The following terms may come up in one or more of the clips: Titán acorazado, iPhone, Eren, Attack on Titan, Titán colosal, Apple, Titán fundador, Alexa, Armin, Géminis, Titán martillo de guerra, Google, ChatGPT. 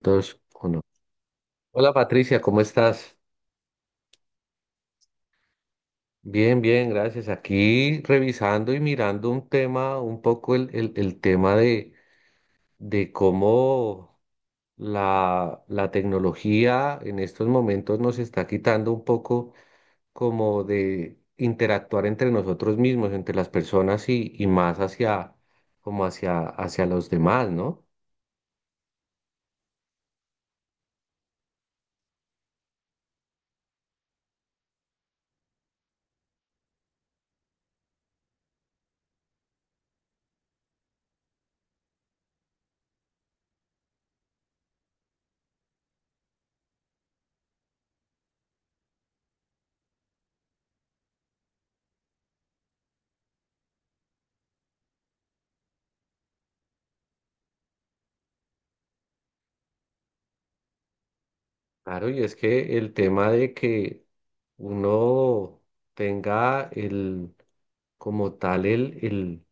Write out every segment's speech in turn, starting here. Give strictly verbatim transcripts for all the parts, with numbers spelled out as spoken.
Dos, uno. Hola Patricia, ¿cómo estás? Bien, bien, gracias. Aquí revisando y mirando un tema, un poco el, el- el tema de, de cómo la, la tecnología en estos momentos nos está quitando un poco como de interactuar entre nosotros mismos, entre las personas y, y más hacia, como hacia, hacia los demás, ¿no? Claro, y es que el tema de que uno tenga el, como tal, el, el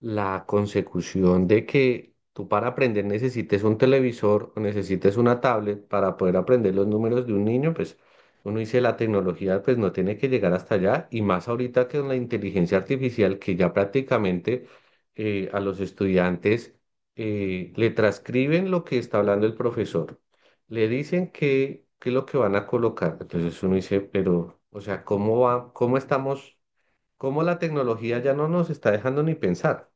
la consecución de que tú para aprender necesites un televisor o necesites una tablet para poder aprender los números de un niño. Pues uno dice, la tecnología pues no tiene que llegar hasta allá, y más ahorita que con la inteligencia artificial, que ya prácticamente eh, a los estudiantes eh, le transcriben lo que está hablando el profesor, le dicen que, qué es lo que van a colocar. Entonces uno dice, pero o sea, ¿cómo va, cómo estamos, cómo la tecnología ya no nos está dejando ni pensar?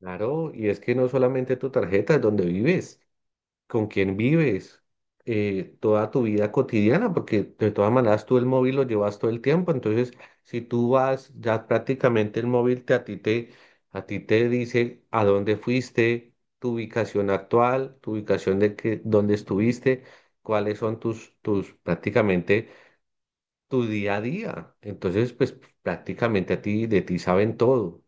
Claro, y es que no solamente tu tarjeta, es donde vives, con quién vives, eh, toda tu vida cotidiana, porque de todas maneras tú el móvil lo llevas todo el tiempo. Entonces, si tú vas, ya prácticamente el móvil te, a ti te, a ti te dice a dónde fuiste, tu ubicación actual, tu ubicación de que, dónde estuviste, cuáles son tus, tus prácticamente tu día a día. Entonces, pues prácticamente a ti, de ti saben todo: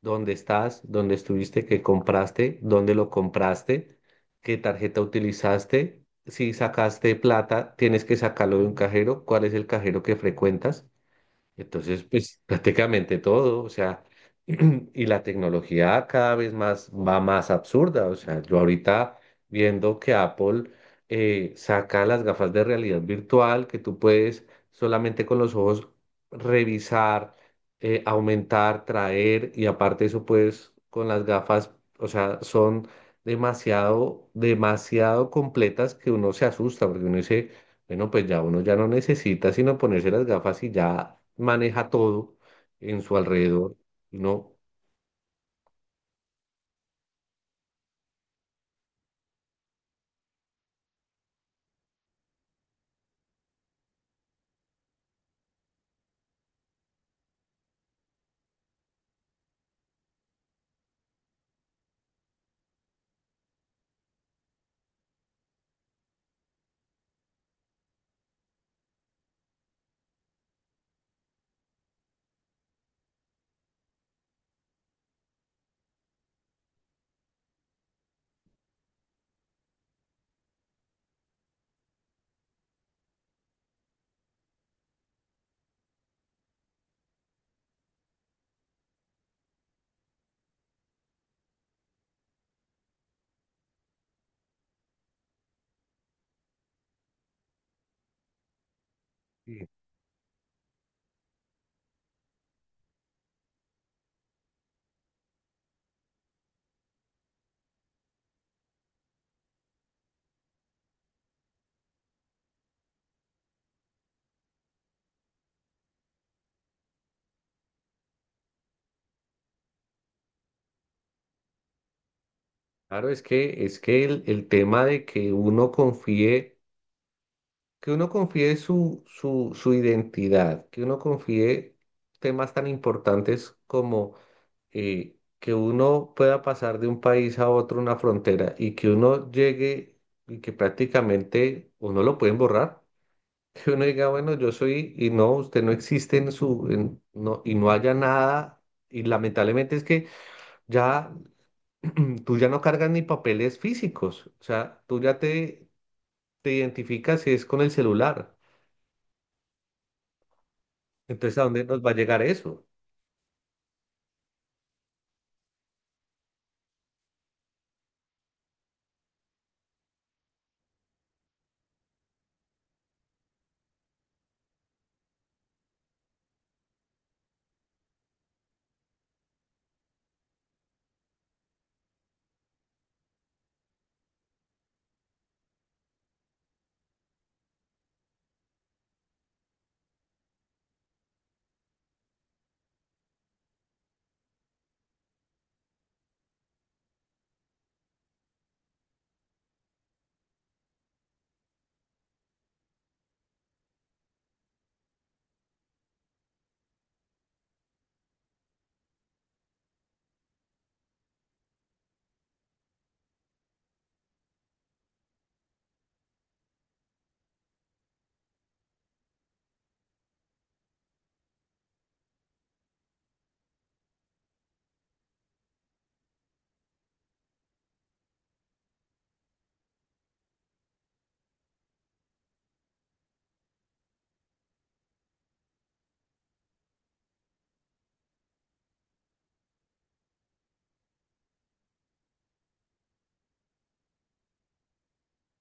dónde estás, dónde estuviste, qué compraste, dónde lo compraste, qué tarjeta utilizaste. Si sacaste plata, tienes que sacarlo de un cajero. ¿Cuál es el cajero que frecuentas? Entonces, pues prácticamente todo, o sea, y la tecnología cada vez más va más absurda. O sea, yo ahorita viendo que Apple eh, saca las gafas de realidad virtual, que tú puedes solamente con los ojos revisar, eh, aumentar, traer, y aparte eso puedes con las gafas. O sea, son demasiado, demasiado completas, que uno se asusta porque uno dice, bueno, pues ya uno ya no necesita sino ponerse las gafas y ya maneja todo en su alrededor. No, claro, es que es que el, el tema de que uno confíe, que uno confíe su, su, su identidad, que uno confíe temas tan importantes como eh, que uno pueda pasar de un país a otro, una frontera, y que uno llegue y que prácticamente uno lo pueden borrar. Que uno diga, bueno, yo soy, y no, usted no existe en su, en- no, y no haya nada. Y lamentablemente es que ya tú ya no cargas ni papeles físicos. O sea, tú ya te, te identificas y es con el celular. Entonces, ¿a dónde nos va a llegar eso?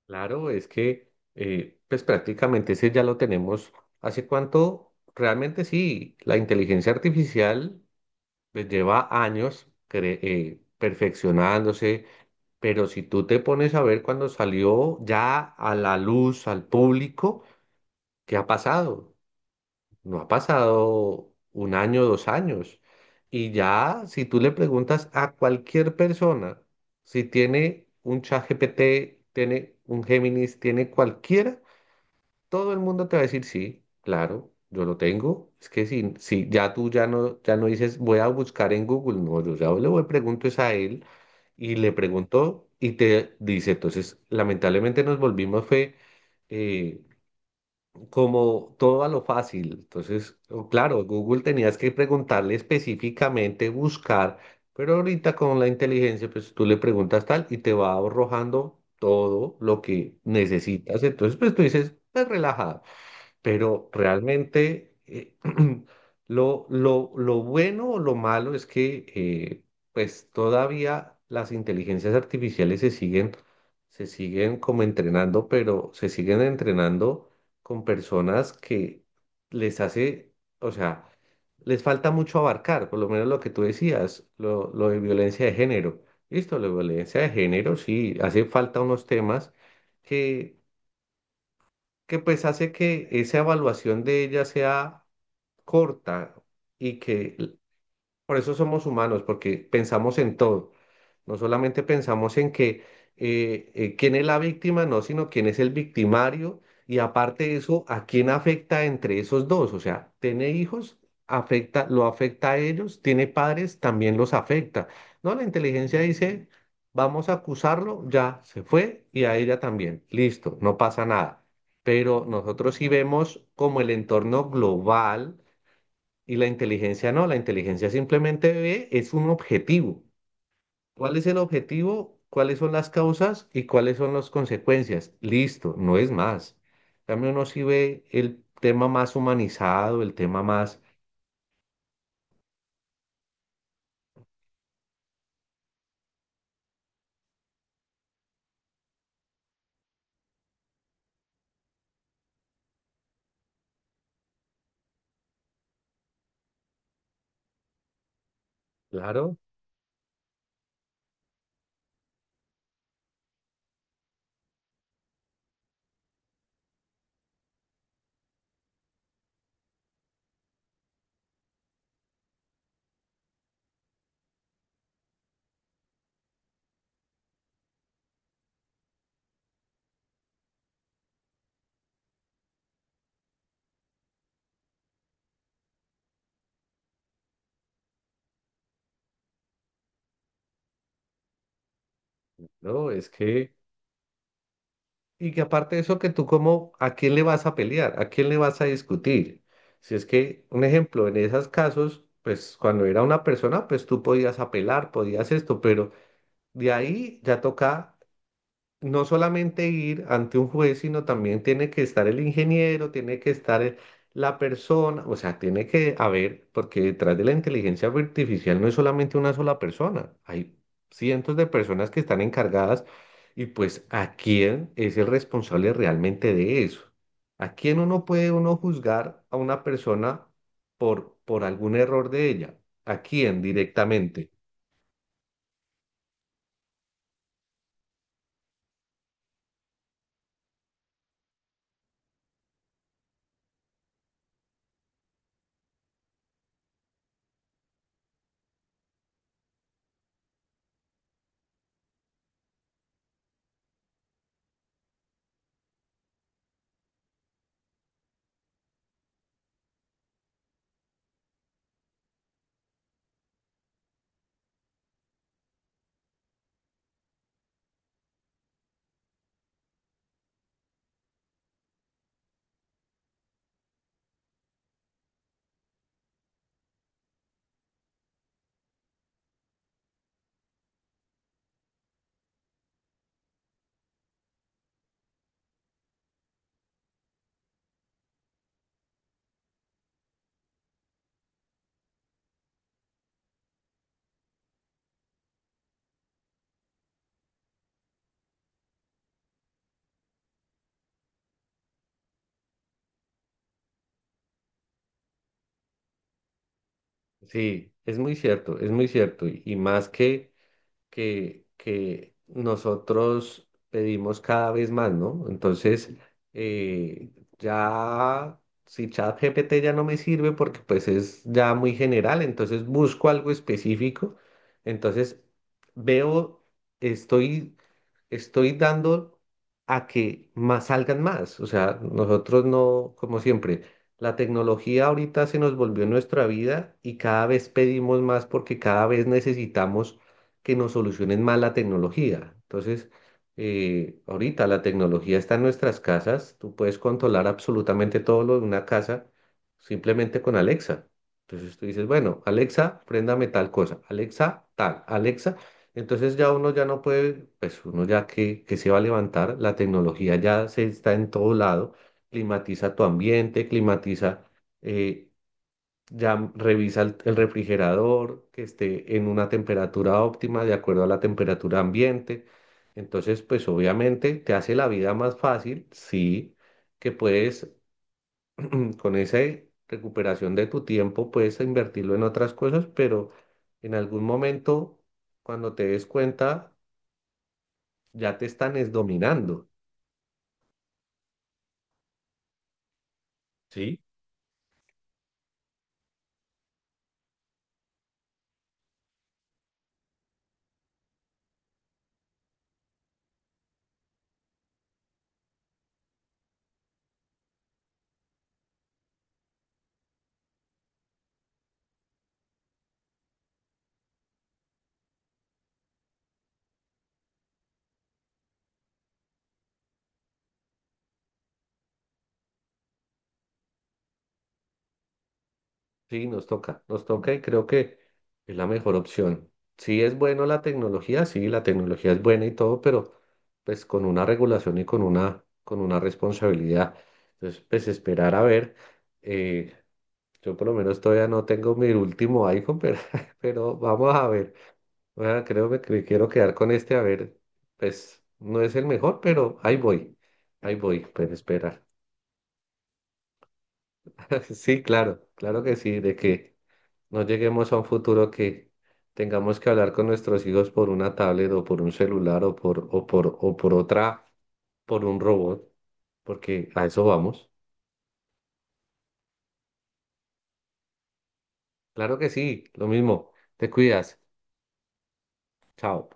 Claro, es que, eh, pues prácticamente ese ya lo tenemos. ¿Hace cuánto? Realmente sí, la inteligencia artificial pues lleva años cre- eh, perfeccionándose. Pero si tú te pones a ver cuando salió ya a la luz, al público, ¿qué ha pasado? No ha pasado un año, dos años. Y ya, si tú le preguntas a cualquier persona si tiene un ChatGPT, tiene un Géminis, tiene cualquiera, todo el mundo te va a decir, sí, claro, yo lo tengo. Es que si, si ya tú ya no, ya no dices, voy a buscar en Google, no, yo ya le voy, pregunto es a él, y le pregunto y te dice. Entonces, lamentablemente nos volvimos fue eh, como todo a lo fácil. Entonces, o- claro, Google tenías que preguntarle específicamente, buscar, pero ahorita con la inteligencia, pues tú le preguntas tal y te va arrojando todo lo que necesitas. Entonces, pues tú dices, pues relajado. Pero realmente eh, lo, lo, lo bueno o lo malo es que eh, pues todavía las inteligencias artificiales se siguen, se siguen como entrenando, pero se siguen entrenando con personas que les hace, o sea, les falta mucho abarcar, por lo menos lo que tú decías, lo, lo de violencia de género. Listo, la violencia de género, sí, hace falta unos temas que que pues hace que esa evaluación de ella sea corta. Y que, por eso somos humanos, porque pensamos en todo. No solamente pensamos en que eh, eh, quién es la víctima, no, sino quién es el victimario. Y aparte de eso, ¿a quién afecta entre esos dos? O sea, tiene hijos, afecta, lo afecta a ellos, tiene padres, también los afecta. No, la inteligencia dice, vamos a acusarlo, ya se fue, y a ella también. Listo, no pasa nada. Pero nosotros sí vemos como el entorno global, y la inteligencia no, la inteligencia simplemente ve, es un objetivo. ¿Cuál es el objetivo? ¿Cuáles son las causas y cuáles son las consecuencias? Listo, no es más. También uno sí ve el tema más humanizado, el tema más, claro, no, es que, y que aparte de eso, que tú como, ¿a quién le vas a pelear? ¿A quién le vas a discutir? Si es que, un ejemplo, en esos casos, pues cuando era una persona, pues tú podías apelar, podías esto, pero de ahí ya toca no solamente ir ante un juez, sino también tiene que estar el ingeniero, tiene que estar el- la persona. O sea, tiene que haber, porque detrás de la inteligencia artificial no es solamente una sola persona, hay cientos de personas que están encargadas, y pues a quién es el responsable realmente de eso. ¿A quién uno puede, uno juzgar a una persona por, por algún error de ella? ¿A quién directamente? Sí, es muy cierto, es muy cierto. y y más que... que, que nosotros pedimos cada vez más, ¿no? Entonces, eh, ya, si ChatGPT ya no me sirve porque pues es ya muy general, entonces busco algo específico. Entonces veo, estoy estoy dando a que más salgan más. O sea, nosotros no, como siempre, la tecnología ahorita se nos volvió nuestra vida, y cada vez pedimos más porque cada vez necesitamos que nos solucionen más la tecnología. Entonces, eh, ahorita la tecnología está en nuestras casas. Tú puedes controlar absolutamente todo lo de una casa simplemente con Alexa. Entonces tú dices, bueno, Alexa, préndame tal cosa, Alexa, tal, Alexa. Entonces ya uno ya no puede, pues uno ya que, que, se va a levantar, la tecnología ya se está en todo lado, climatiza tu ambiente, climatiza, eh, ya revisa el, el refrigerador que esté en una temperatura óptima de acuerdo a la temperatura ambiente. Entonces, pues obviamente te hace la vida más fácil, sí, que puedes mm, con esa recuperación de tu tiempo, puedes invertirlo en otras cosas, pero en algún momento, cuando te des cuenta, ya te están es dominando. ¿Sí? Sí, nos toca, nos toca, y creo que es la mejor opción. Sí es bueno la tecnología, sí, la tecnología es buena y todo, pero pues con una regulación y con una, con una responsabilidad. Entonces, pues esperar a ver. eh, yo por lo menos todavía no tengo mi último iPhone, pero, pero vamos a ver. Bueno, creo que me quiero quedar con este, a ver, pues no es el mejor, pero ahí voy, ahí voy, pues esperar. Sí, claro, claro que sí, de que no lleguemos a un futuro que tengamos que hablar con nuestros hijos por una tablet o por un celular o por, o por, o por otra, por un robot, porque a eso vamos. Claro que sí, lo mismo, te cuidas, chao.